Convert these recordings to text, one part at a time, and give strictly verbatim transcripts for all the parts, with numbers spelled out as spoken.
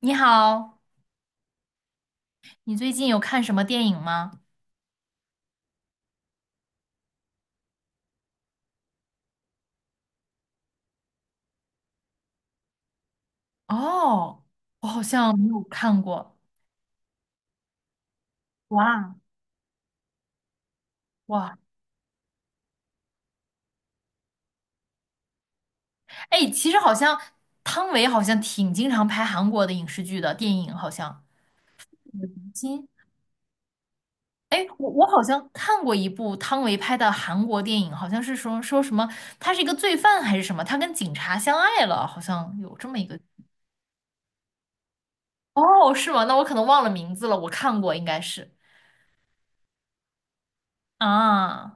你好，你最近有看什么电影吗？哦，我好像没有看过。哇哇，哎，其实好像汤唯好像挺经常拍韩国的影视剧的电影，好像。嗯金，哎，我我好像看过一部汤唯拍的韩国电影，好像是说说什么，他是一个罪犯还是什么，他跟警察相爱了，好像有这么一个。哦，是吗？那我可能忘了名字了，我看过应该是。啊，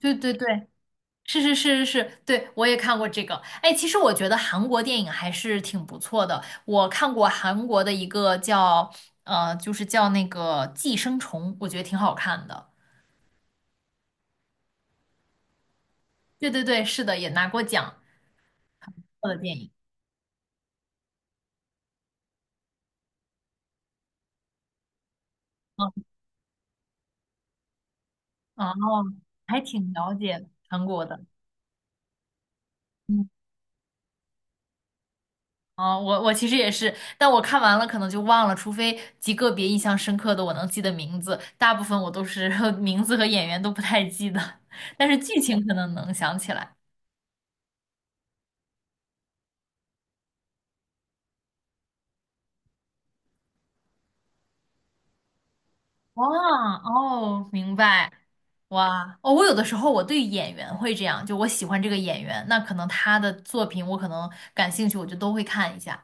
对对对，是是是是是，对，我也看过这个。哎，其实我觉得韩国电影还是挺不错的。我看过韩国的一个叫呃，就是叫那个《寄生虫》，我觉得挺好看的。对对对，是的，也拿过奖的电影。嗯，哦，还挺了解韩国的。嗯，啊，我我其实也是，但我看完了可能就忘了，除非极个别印象深刻的我能记得名字，大部分我都是 名字和演员都不太记得，但是剧情可能能想起来。哇哦，明白。哇哦，我有的时候我对演员会这样，就我喜欢这个演员，那可能他的作品我可能感兴趣，我就都会看一下。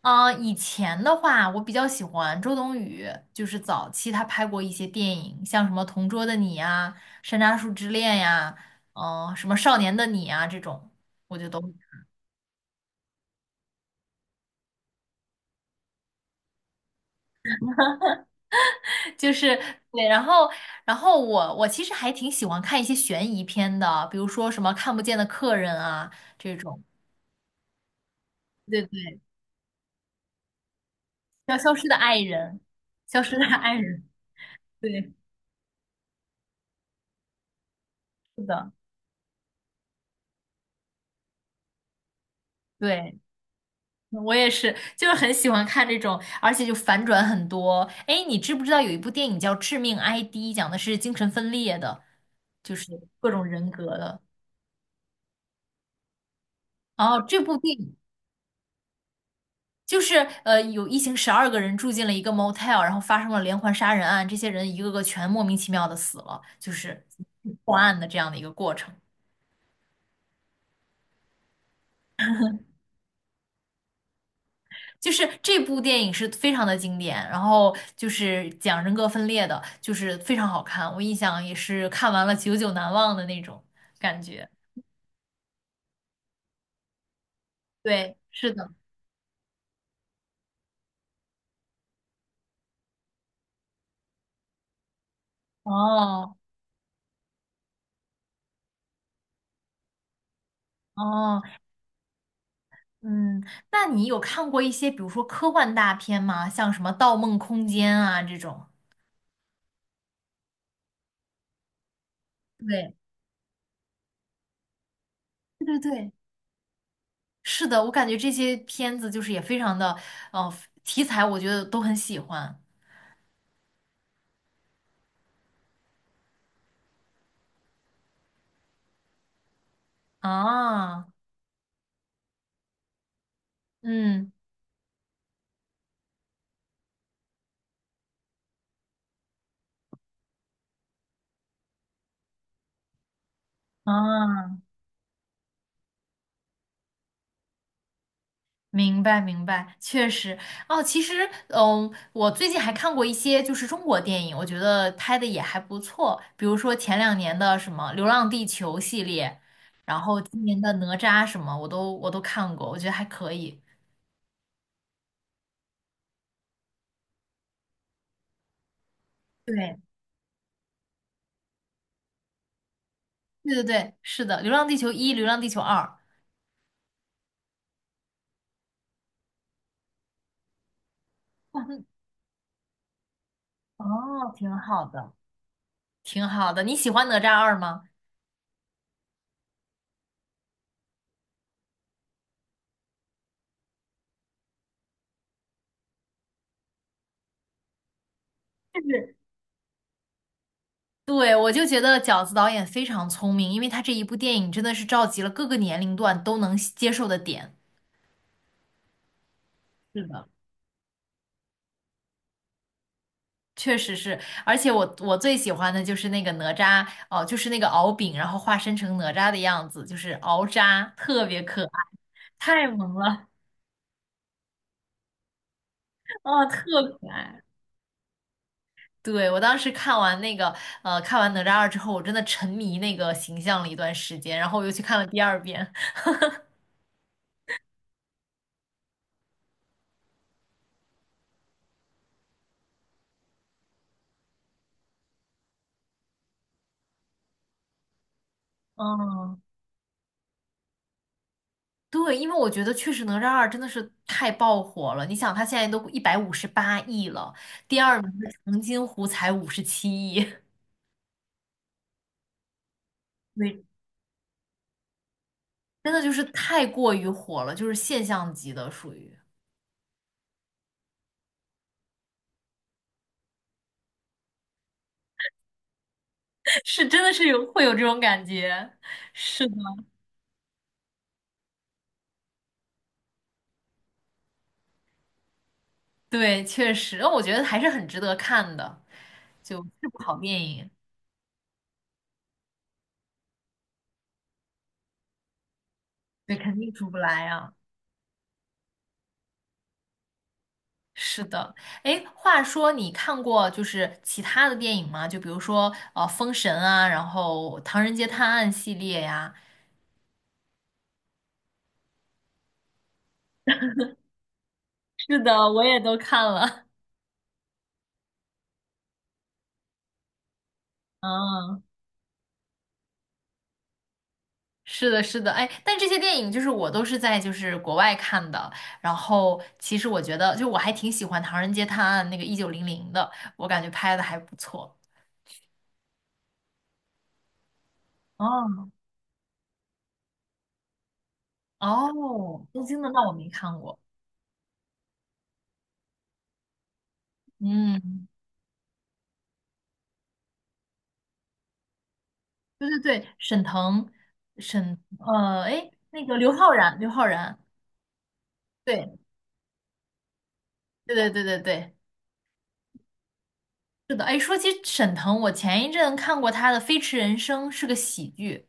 啊、以前的话，我比较喜欢周冬雨，就是早期她拍过一些电影，像什么《同桌的你》呀，《山楂树之恋》呀，嗯、什么《少年的你》啊这种，我就都 就是对。然后，然后我我其实还挺喜欢看一些悬疑片的，比如说什么《看不见的客人》啊这种。对对，叫消失的爱人，消失的爱人，对，是的，对，我也是，就是很喜欢看这种，而且就反转很多。哎，你知不知道有一部电影叫《致命 I D》,讲的是精神分裂的，就是各种人格的。哦，这部电影就是呃，有一行十二个人住进了一个 motel,然后发生了连环杀人案，这些人一个个全莫名其妙的死了，就是破案的这样的一个过程。就是这部电影是非常的经典，然后就是讲人格分裂的，就是非常好看，我印象也是看完了久久难忘的那种感觉。对，是的。哦哦，嗯，那你有看过一些比如说科幻大片吗？像什么《盗梦空间》啊这种？对，对对对，是的，我感觉这些片子就是也非常的，呃，题材我觉得都很喜欢啊，嗯啊。明白，明白，确实哦。其实，嗯，我最近还看过一些就是中国电影，我觉得拍的也还不错。比如说前两年的什么《流浪地球》系列，然后今年的《哪吒》什么，我都我都看过，我觉得还可以。对，对对对，是的，《流浪地球一》《流浪地球二》，哦，挺好的，挺好的。你喜欢《哪吒二》吗？就是对，我就觉得饺子导演非常聪明，因为他这一部电影真的是召集了各个年龄段都能接受的点。是的。确实是，而且我我最喜欢的就是那个哪吒哦，就是那个敖丙，然后化身成哪吒的样子，就是敖吒，特别可爱，太萌了，啊，特可爱。对，我当时看完那个呃，看完哪吒二之后，我真的沉迷那个形象了一段时间，然后我又去看了第二遍。嗯，对，因为我觉得确实哪吒二真的是太爆火了，你想它现在都一百五十八亿了，第二名的长津湖才五十七亿。对真的就是太过于火了，就是现象级的，属于 是真的是有会有这种感觉，是的，对，确实，我觉得还是很值得看的，就是不好电影，对，肯定出不来啊。是的，哎，话说你看过就是其他的电影吗？就比如说呃《封神》啊，然后《唐人街探案》系列呀，是的，我也都看了。嗯，是的，是的，哎，但这些电影就是我都是在就是国外看的，然后其实我觉得就我还挺喜欢《唐人街探案》那个一九零零的，我感觉拍的还不错。哦哦，东京的那我没看过。嗯，对对对，沈腾，沈呃，哎，那个刘昊然，刘昊然，对对对对对对，是的。哎，说起沈腾，我前一阵看过他的《飞驰人生》，是个喜剧。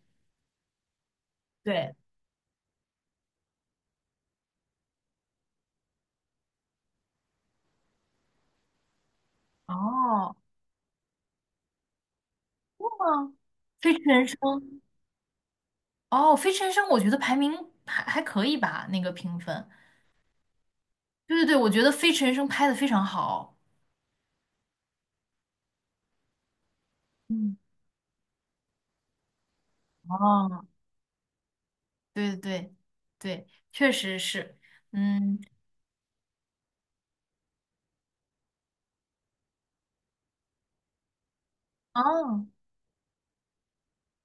对，哦，是吗？《飞驰人生》。哦，《飞驰人生》我觉得排名还还可以吧，那个评分。对对对，我觉得《飞驰人生》拍的非常好。嗯，哦，对对对对，确实是。嗯，哦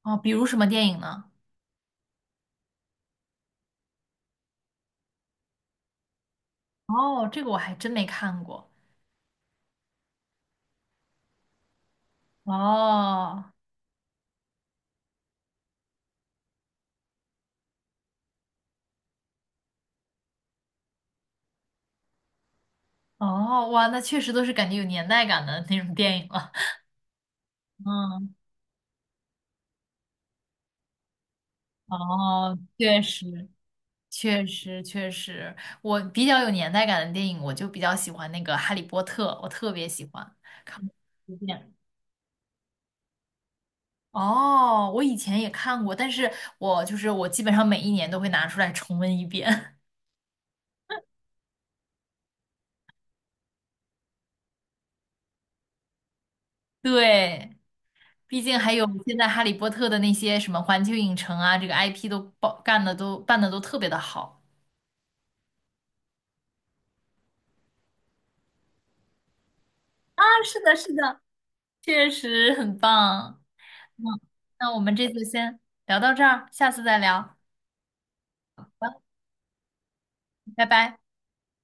哦，比如什么电影呢？哦，这个我还真没看过。哦哦，哇，那确实都是感觉有年代感的那种电影了。嗯，哦，确实，确实，确实，我比较有年代感的电影，我就比较喜欢那个《哈利波特》，我特别喜欢看过无数遍。哦，我以前也看过，但是我就是我基本上每一年都会拿出来重温一遍。对，毕竟还有现在《哈利波特》的那些什么环球影城啊，这个 I P 都包干的都办的都特别的好。啊，是的，是的，确实很棒。嗯，那我们这次先聊到这儿，下次再聊，拜拜。